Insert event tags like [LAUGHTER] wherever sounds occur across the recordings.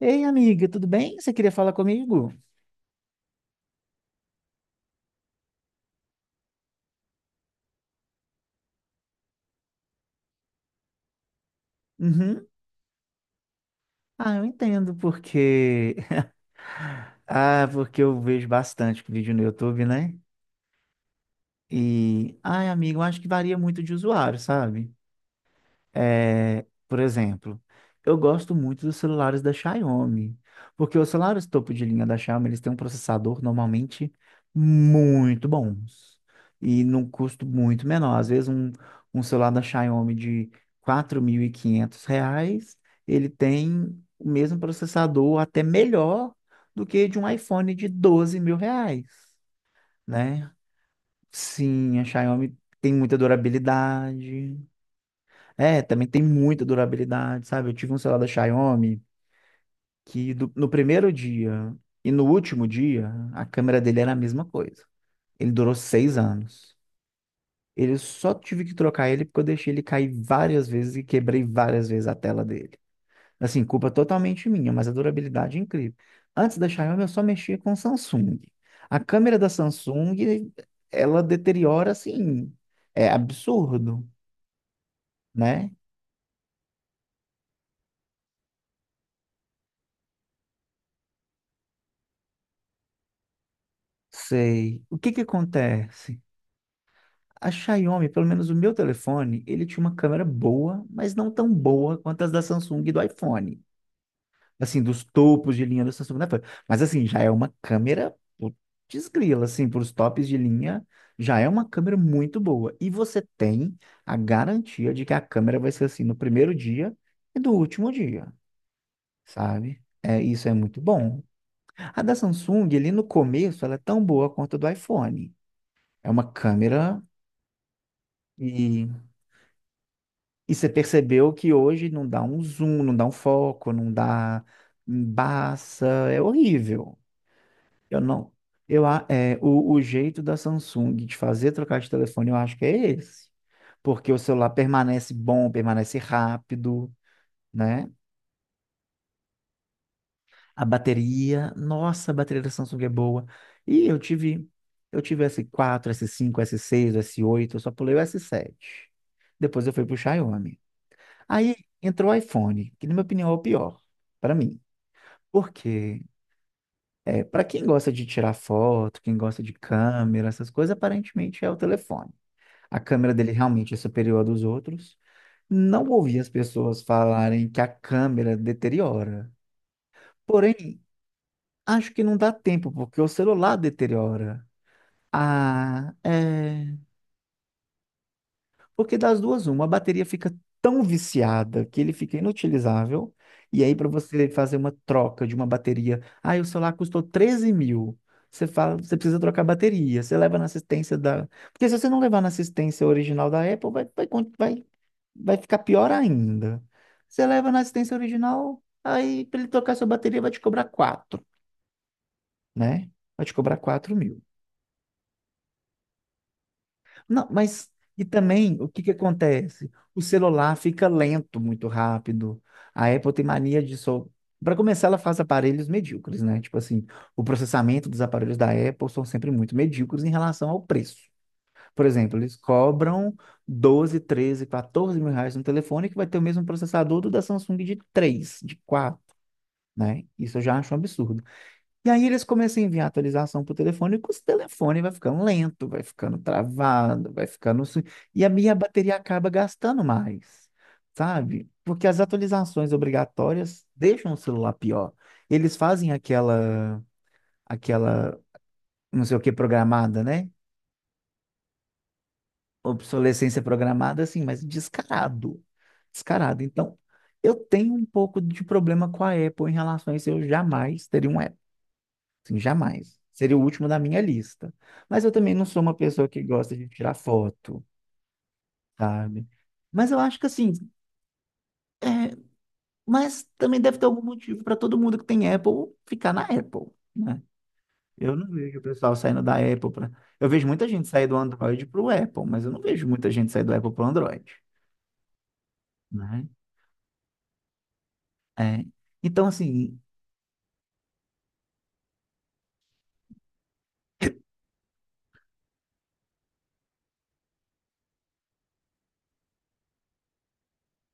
Ei, amiga, tudo bem? Você queria falar comigo? Uhum. Ah, eu entendo porque. [LAUGHS] Ah, porque eu vejo bastante vídeo no YouTube, né? Ai, amigo, eu acho que varia muito de usuário, sabe? É, por exemplo, eu gosto muito dos celulares da Xiaomi, porque os celulares topo de linha da Xiaomi, eles têm um processador normalmente muito bons e num custo muito menor. Às vezes um celular da Xiaomi de R$ 4.500, ele tem o mesmo processador, até melhor do que de um iPhone de R$ 12 mil, né? Sim, a Xiaomi tem muita durabilidade, é, também tem muita durabilidade, sabe? Eu tive um celular da Xiaomi no primeiro dia e no último dia, a câmera dele era a mesma coisa. Ele durou 6 anos. Ele só tive que trocar ele porque eu deixei ele cair várias vezes e quebrei várias vezes a tela dele. Assim, culpa totalmente minha, mas a durabilidade é incrível. Antes da Xiaomi, eu só mexia com Samsung. A câmera da Samsung, ela deteriora assim, é absurdo, né? Sei. O que que acontece? A Xiaomi, pelo menos o meu telefone, ele tinha uma câmera boa, mas não tão boa quanto as da Samsung e do iPhone. Assim, dos topos de linha da Samsung, né? Mas assim, já é uma câmera putz grila, assim, para os tops de linha, já é uma câmera muito boa. E você tem a garantia de que a câmera vai ser assim no primeiro dia e do último dia, sabe? É, isso é muito bom. A da Samsung, ali no começo, ela é tão boa quanto a do iPhone. É uma câmera. e E você percebeu que hoje não dá um zoom, não dá um foco, não dá embaça, é horrível. Eu não. Eu a- é, o, o jeito da Samsung de fazer trocar de telefone, eu acho que é esse, porque o celular permanece bom, permanece rápido, né? A bateria, nossa, a bateria da Samsung é boa. E eu tive S4, S5, S6, S8, eu só pulei o S7. Depois eu fui pro Xiaomi. Aí entrou o iPhone, que na minha opinião é o pior, para mim. Porque é, para quem gosta de tirar foto, quem gosta de câmera, essas coisas, aparentemente é o telefone. A câmera dele realmente é superior à dos outros. Não ouvi as pessoas falarem que a câmera deteriora. Porém, acho que não dá tempo, porque o celular deteriora. Ah, é. Porque das duas, uma, a bateria fica tão viciada que ele fica inutilizável. E aí, para você fazer uma troca de uma bateria, ah, o celular custou 13 mil. Você fala, você precisa trocar a bateria. Você leva na assistência da. Porque se você não levar na assistência original da Apple, vai, vai ficar pior ainda. Você leva na assistência original, aí para ele trocar sua bateria, vai te cobrar quatro, né? Vai te cobrar 4 mil. Não, mas e também o que que acontece? O celular fica lento muito rápido. A Apple tem mania de só. Para começar, ela faz aparelhos medíocres, né? Tipo assim, o processamento dos aparelhos da Apple são sempre muito medíocres em relação ao preço. Por exemplo, eles cobram 12, 13, 14 mil reais no telefone que vai ter o mesmo processador do da Samsung de 3, de 4, né? Isso eu já acho um absurdo. E aí eles começam a enviar atualização para o telefone, e com o telefone vai ficando lento, vai ficando travado, vai ficando. E a minha bateria acaba gastando mais, sabe? Porque as atualizações obrigatórias deixam o celular pior. Eles fazem aquela, não sei o que, programada, né? Obsolescência programada, assim, mas descarado. Descarado. Então, eu tenho um pouco de problema com a Apple em relação a isso. Eu jamais teria um. Assim, jamais. Seria o último da minha lista. Mas eu também não sou uma pessoa que gosta de tirar foto, sabe? Mas eu acho que assim, é, mas também deve ter algum motivo para todo mundo que tem Apple ficar na Apple, né? Eu não vejo o pessoal saindo da Apple para. Eu vejo muita gente sair do Android para o Apple, mas eu não vejo muita gente sair do Apple para o Android, né? É. Então assim,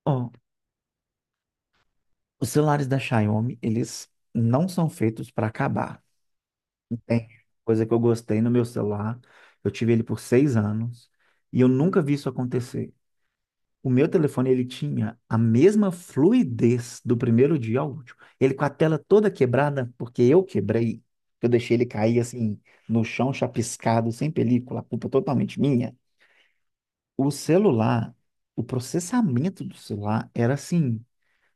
ó, os celulares da Xiaomi, eles não são feitos para acabar. Não. Tem coisa que eu gostei no meu celular. Eu tive ele por 6 anos e eu nunca vi isso acontecer. O meu telefone, ele tinha a mesma fluidez do primeiro dia ao último. Ele com a tela toda quebrada, porque eu quebrei. Eu deixei ele cair assim no chão, chapiscado, sem película, a culpa totalmente minha. O celular, o processamento do celular era assim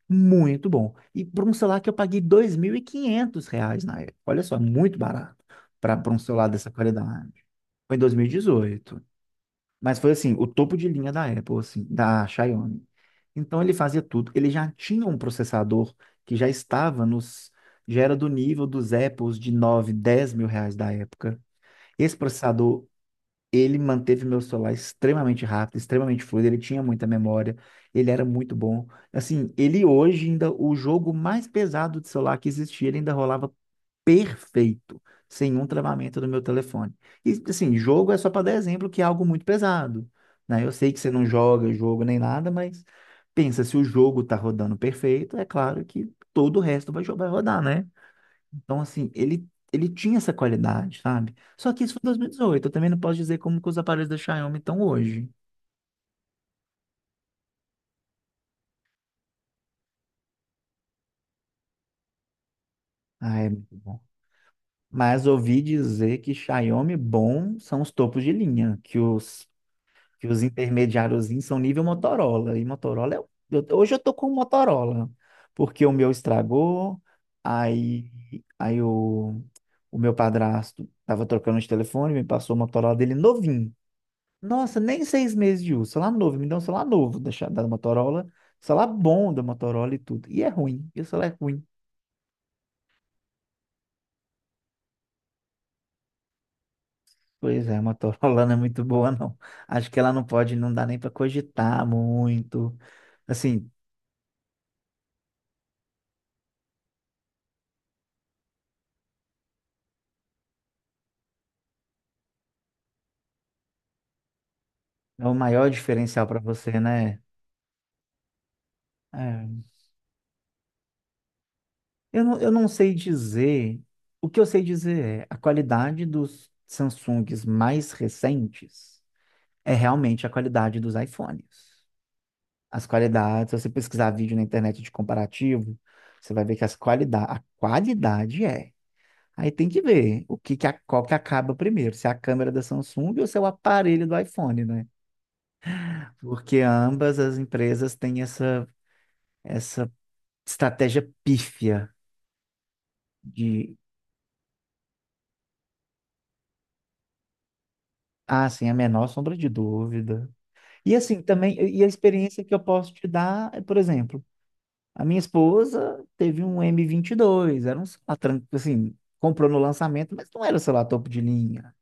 muito bom. E por um celular que eu paguei R$ 2.500 na época. Olha só, muito barato para um celular dessa qualidade. Foi em 2018. Mas foi assim, o topo de linha da Apple, assim, da Xiaomi. Então ele fazia tudo. Ele já tinha um processador que já estava nos. Já era do nível dos Apples de 9 10 mil reais da época. Esse processador ele manteve meu celular extremamente rápido, extremamente fluido, ele tinha muita memória, ele era muito bom. Assim, ele hoje ainda, o jogo mais pesado de celular que existia, ele ainda rolava perfeito, sem um travamento no meu telefone. E assim, jogo é só para dar exemplo que é algo muito pesado, né? Eu sei que você não joga jogo nem nada, mas pensa, se o jogo tá rodando perfeito, é claro que todo o resto vai rodar, né? Então, assim, ele tinha essa qualidade, sabe? Só que isso foi em 2018. Eu também não posso dizer como que os aparelhos da Xiaomi estão hoje. Ah, é muito bom. Mas ouvi dizer que Xiaomi bom são os topos de linha, que os, intermediáriozinhos são nível Motorola. E Motorola é. Hoje eu tô com o Motorola, porque o meu estragou, aí, aí o meu padrasto tava trocando de telefone, me passou o Motorola dele novinho. Nossa, nem 6 meses de uso. Celular novo. Me deu um celular novo da Motorola. Celular bom da Motorola e tudo. E é ruim. E o celular é ruim. Pois é, a Motorola [LAUGHS] não é muito boa, não. Acho que ela não pode, não dá nem para cogitar muito. Assim, é o maior diferencial para você, né? É. Eu não sei dizer. O que eu sei dizer é a qualidade dos Samsungs mais recentes é realmente a qualidade dos iPhones. As qualidades, se você pesquisar vídeo na internet de comparativo, você vai ver que as qualidade, a qualidade é. Aí tem que ver o que que a, qual que acaba primeiro, se é a câmera da Samsung ou se é o aparelho do iPhone, né? Porque ambas as empresas têm essa estratégia pífia de, ah, sem a menor sombra de dúvida. E assim, também, e a experiência que eu posso te dar, é, por exemplo, a minha esposa teve um M22, era um celular, assim, comprou no lançamento, mas não era celular topo de linha.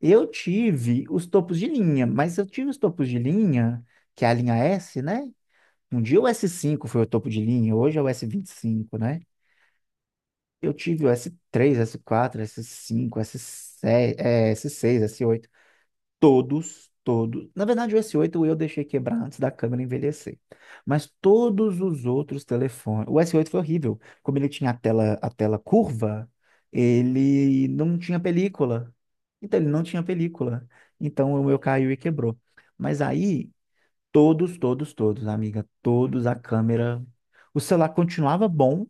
Eu tive os topos de linha, mas eu tive os topos de linha, que é a linha S, né? Um dia o S5 foi o topo de linha, hoje é o S25, né? Eu tive o S3, S4, S5, S6, s seis, S8. Todos, todos. Na verdade, o S8 eu deixei quebrar antes da câmera envelhecer. Mas todos os outros telefones. O S8 foi horrível. Como ele tinha a tela curva, ele não tinha película. Então, ele não tinha película. Então, o meu caiu e quebrou. Mas aí, todos, todos, todos, amiga, todos a câmera. O celular continuava bom,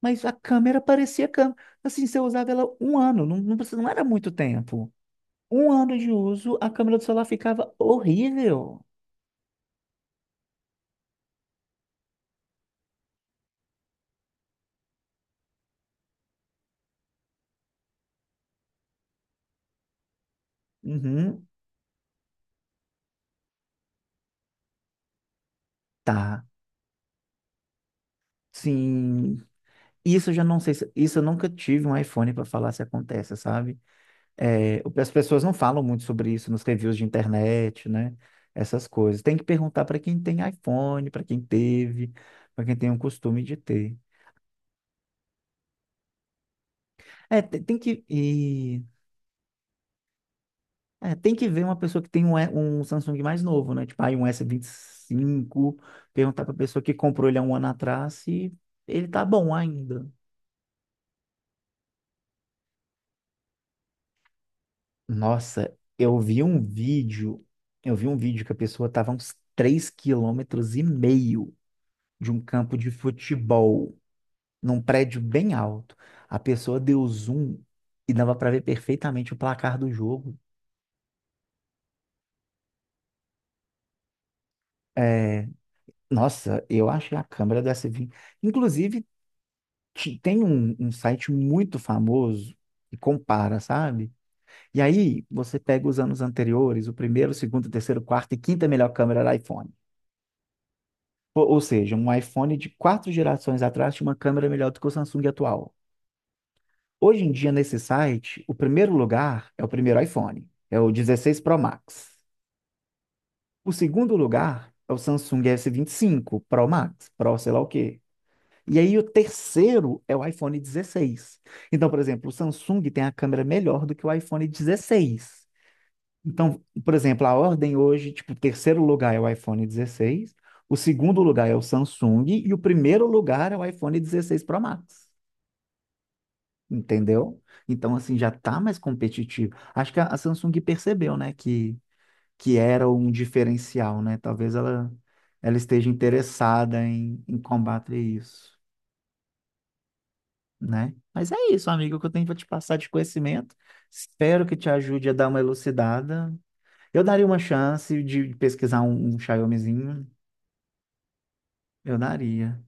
mas a câmera parecia câmera. Assim, se eu usava ela um ano, não, não, não era muito tempo. Um ano de uso, a câmera do celular ficava horrível. Uhum. Tá. Sim. Isso eu já não sei se, isso eu nunca tive um iPhone para falar se acontece, sabe? É, as pessoas não falam muito sobre isso nos reviews de internet, né? Essas coisas. Tem que perguntar para quem tem iPhone, para quem teve, para quem tem o costume de ter. É, te- tem, que e É, tem que ver uma pessoa que tem um Samsung mais novo, né? Tipo, aí um S25, perguntar pra pessoa que comprou ele há um ano atrás se ele tá bom ainda. Nossa, eu vi um vídeo que a pessoa tava a uns 3,5 km de um campo de futebol, num prédio bem alto. A pessoa deu zoom e dava pra ver perfeitamente o placar do jogo. É, nossa, eu achei a câmera do S20. Inclusive, tem um site muito famoso que compara, sabe? E aí você pega os anos anteriores, o primeiro, o segundo, o terceiro, o quarto e quinta melhor câmera do iPhone. Ou seja, um iPhone de quatro gerações atrás tinha uma câmera melhor do que o Samsung atual. Hoje em dia, nesse site, o primeiro lugar é o primeiro iPhone, é o 16 Pro Max. O segundo lugar é o Samsung S25 Pro Max, Pro sei lá o quê. E aí o terceiro é o iPhone 16. Então, por exemplo, o Samsung tem a câmera melhor do que o iPhone 16. Então, por exemplo, a ordem hoje, tipo, o terceiro lugar é o iPhone 16, o segundo lugar é o Samsung e o primeiro lugar é o iPhone 16 Pro Max. Entendeu? Então, assim, já tá mais competitivo. Acho que a Samsung percebeu, né, que era um diferencial, né? Talvez ela esteja interessada em combater isso, né? Mas é isso, amigo, o que eu tenho para te passar de conhecimento. Espero que te ajude a dar uma elucidada. Eu daria uma chance de pesquisar um Xiaomizinho. Eu daria.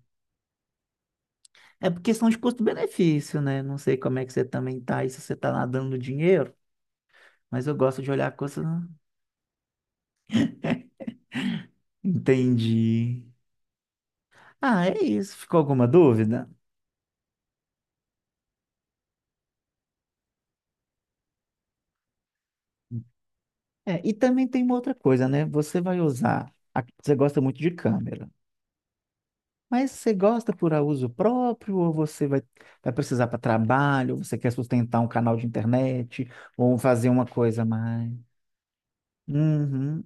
É por questão de custo-benefício, né? Não sei como é que você também tá aí, se você tá nadando no dinheiro, mas eu gosto de olhar a coisa. Entendi. Ah, é isso. Ficou alguma dúvida? É, e também tem uma outra coisa, né? Você vai usar. Você gosta muito de câmera. Mas você gosta por uso próprio, ou você vai precisar para trabalho, ou você quer sustentar um canal de internet, ou fazer uma coisa a mais? Uhum.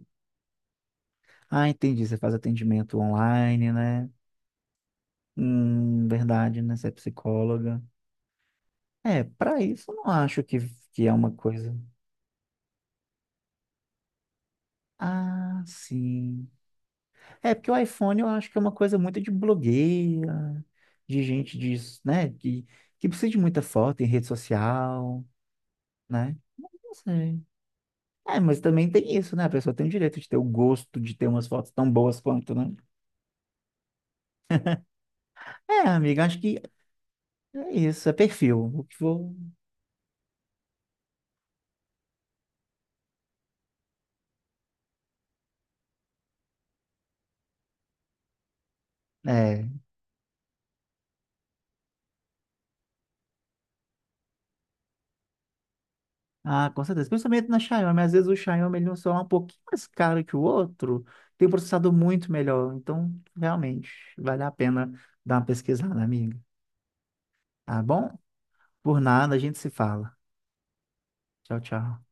Ah, entendi. Você faz atendimento online, né? Verdade, né? Você é psicóloga. É, para isso eu não acho que, é uma coisa. Ah, sim. É, porque o iPhone eu acho que é uma coisa muito de blogueira, de gente disso, né? Que precisa de muita foto em rede social, né? Não sei. É, mas também tem isso, né? A pessoa tem o direito de ter o gosto de ter umas fotos tão boas quanto, né? É, amiga, acho que é isso, é perfil. O que for. É. Ah, com certeza. Principalmente na Xiaomi. Às vezes o Xiaomi ele é um celular um pouquinho mais caro que o outro, tem um processador muito melhor. Então, realmente, vale a pena dar uma pesquisada, amiga. Tá bom? Por nada, a gente se fala. Tchau, tchau.